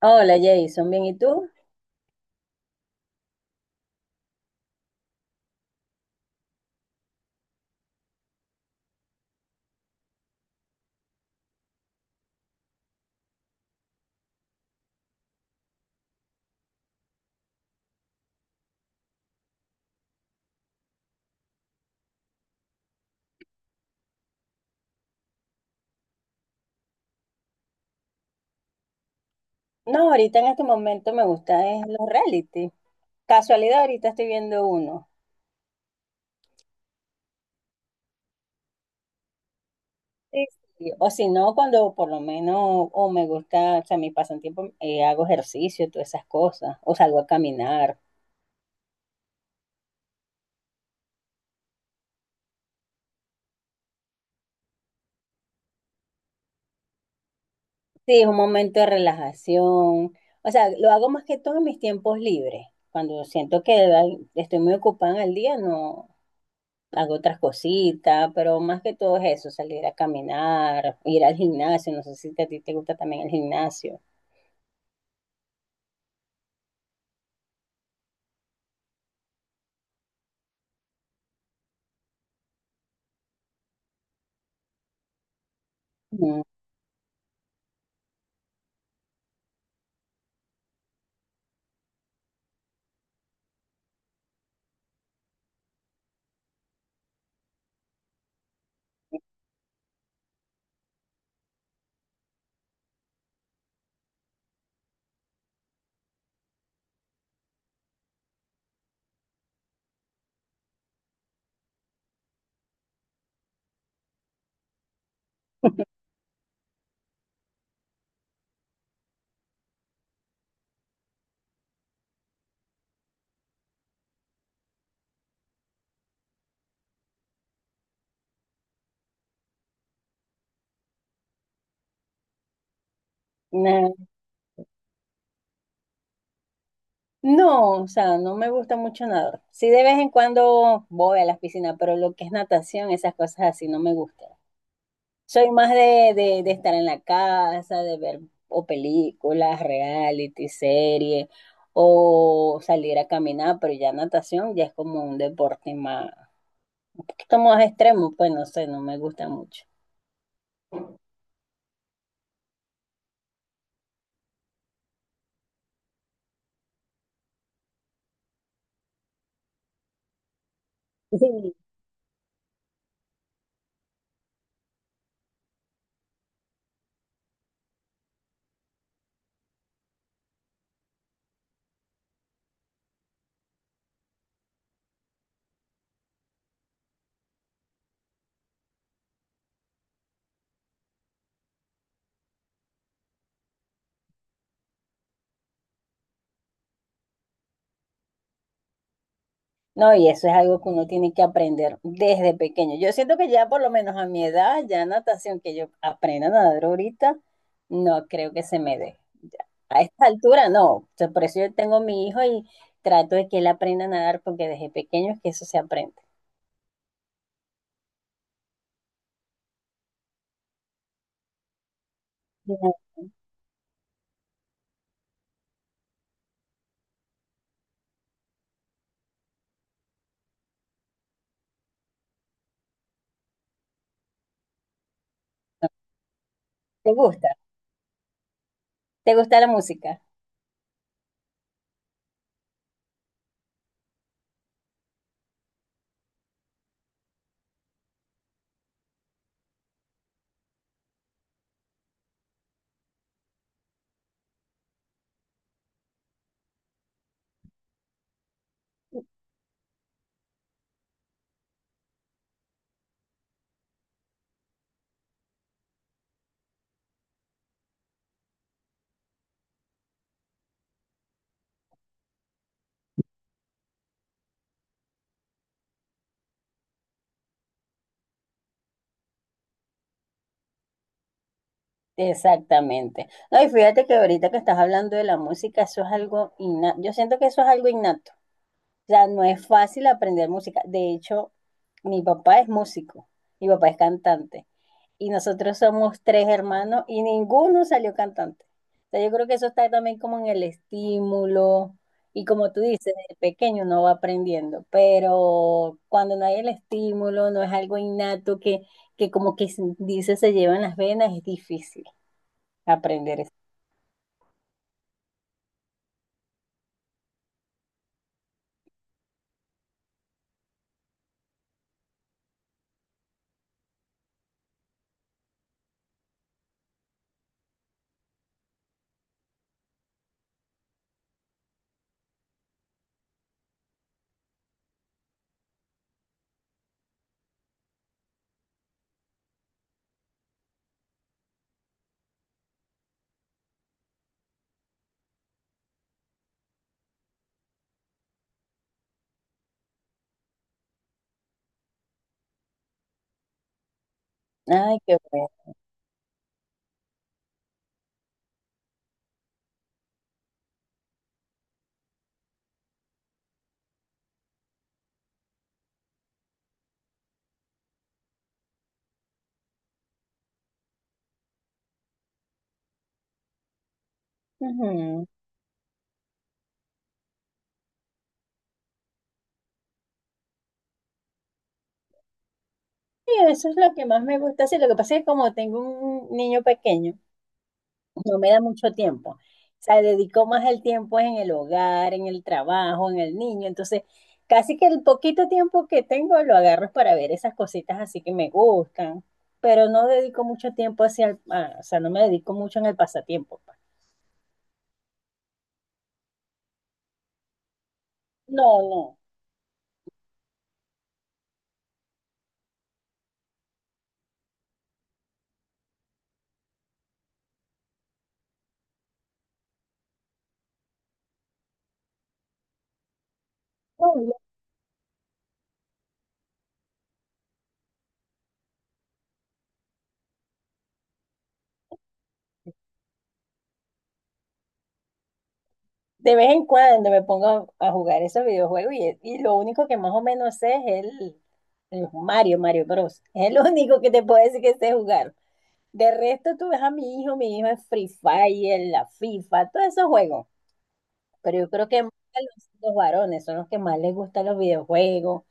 Hola Jason, bien, ¿y tú? No, ahorita en este momento me gusta es los reality. Casualidad, ahorita estoy viendo uno. Sí. O si no, cuando por lo menos, o me gusta, o sea, mi pasatiempo, hago ejercicio, todas esas cosas, o salgo a caminar. Sí, es un momento de relajación. O sea, lo hago más que todo en mis tiempos libres. Cuando siento que ay, estoy muy ocupada en el día, no, hago otras cositas, pero más que todo es eso, salir a caminar, ir al gimnasio, no sé si a ti te gusta también el gimnasio. Mm, nah. No, o sea, no me gusta mucho nadar. Sí, de vez en cuando voy a las piscinas, pero lo que es natación, esas cosas así no me gustan. Soy más de estar en la casa, de ver o películas, reality, series, o salir a caminar, pero ya natación ya es como un deporte más, un poquito más extremo, pues no sé, no me gusta mucho. Sí, no, y eso es algo que uno tiene que aprender desde pequeño. Yo siento que ya por lo menos a mi edad, ya natación, que yo aprenda a nadar ahorita, no creo que se me dé. Ya. A esta altura no. O sea, por eso yo tengo a mi hijo y trato de que él aprenda a nadar porque desde pequeño es que eso se aprende. Ya. ¿Te gusta? ¿Te gusta la música? Exactamente. No, y fíjate que ahorita que estás hablando de la música, eso es algo innato. Yo siento que eso es algo innato. O sea, no es fácil aprender música. De hecho, mi papá es músico, mi papá es cantante. Y nosotros somos tres hermanos y ninguno salió cantante. O sea, yo creo que eso está también como en el estímulo. Y como tú dices, desde pequeño uno va aprendiendo, pero cuando no hay el estímulo, no es algo innato que como que se dice se lleva en las venas, es difícil aprender eso. Ay, qué bueno. Ujú. Sí, eso es lo que más me gusta. Sí, lo que pasa es que como tengo un niño pequeño, no me da mucho tiempo. O sea, dedicó más el tiempo en el hogar, en el trabajo, en el niño. Entonces, casi que el poquito tiempo que tengo lo agarro es para ver esas cositas así que me gustan, pero no dedico mucho tiempo hacia el, ah, o sea, no me dedico mucho en el pasatiempo, pues. No, no. No, yo De vez en cuando me pongo a jugar esos videojuegos y lo único que más o menos sé es el Mario, Mario Bros. Es el único que te puedo decir que sé jugar. De resto, tú ves a mi hijo es Free Fire, la FIFA, todos esos juegos. Pero yo creo que más a los varones son los que más les gustan los videojuegos.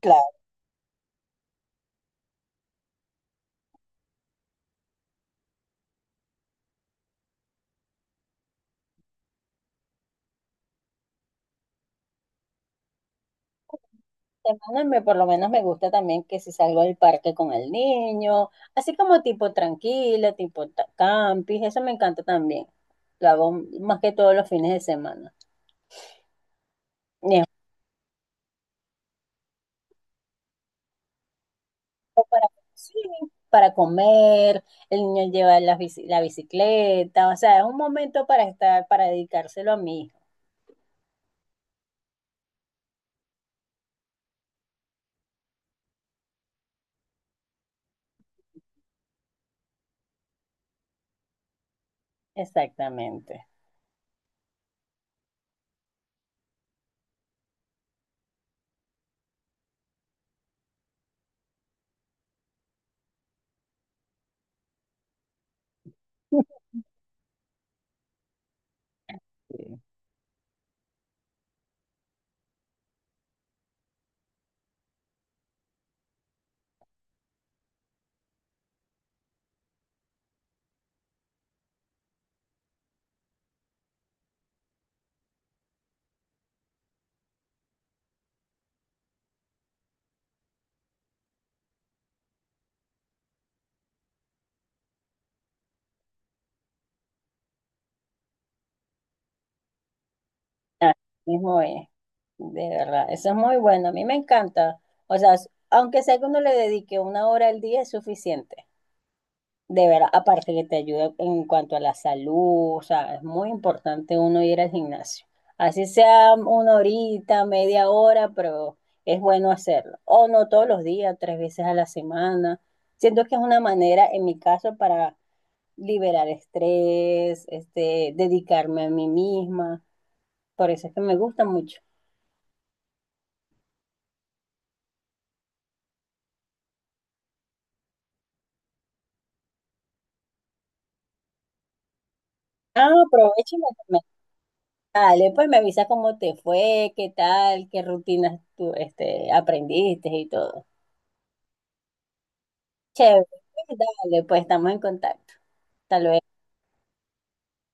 Claro, te mandan, por lo menos me gusta también que si salgo al parque con el niño, así como tipo tranquila, tipo campis, eso me encanta también. Lo hago más que todos los fines de semana. Y es- sí, para comer, el niño lleva la bicicleta, o sea, es un momento para estar, para dedicárselo a mi hijo. Exactamente. Sí, es muy, de verdad, eso es muy bueno, a mí me encanta. O sea, aunque sea que uno le dedique una hora al día es suficiente, de verdad, aparte que te ayuda en cuanto a la salud, o sea, es muy importante uno ir al gimnasio. Así sea una horita, media hora, pero es bueno hacerlo. O no todos los días, tres veces a la semana. Siento que es una manera, en mi caso, para liberar estrés, este, dedicarme a mí misma. Por eso es que me gusta mucho. Ah, aprovecha y me comenta. Dale, pues me avisa cómo te fue, qué tal, qué rutinas tú este, aprendiste y todo. Chévere, pues, dale, pues estamos en contacto. Hasta luego.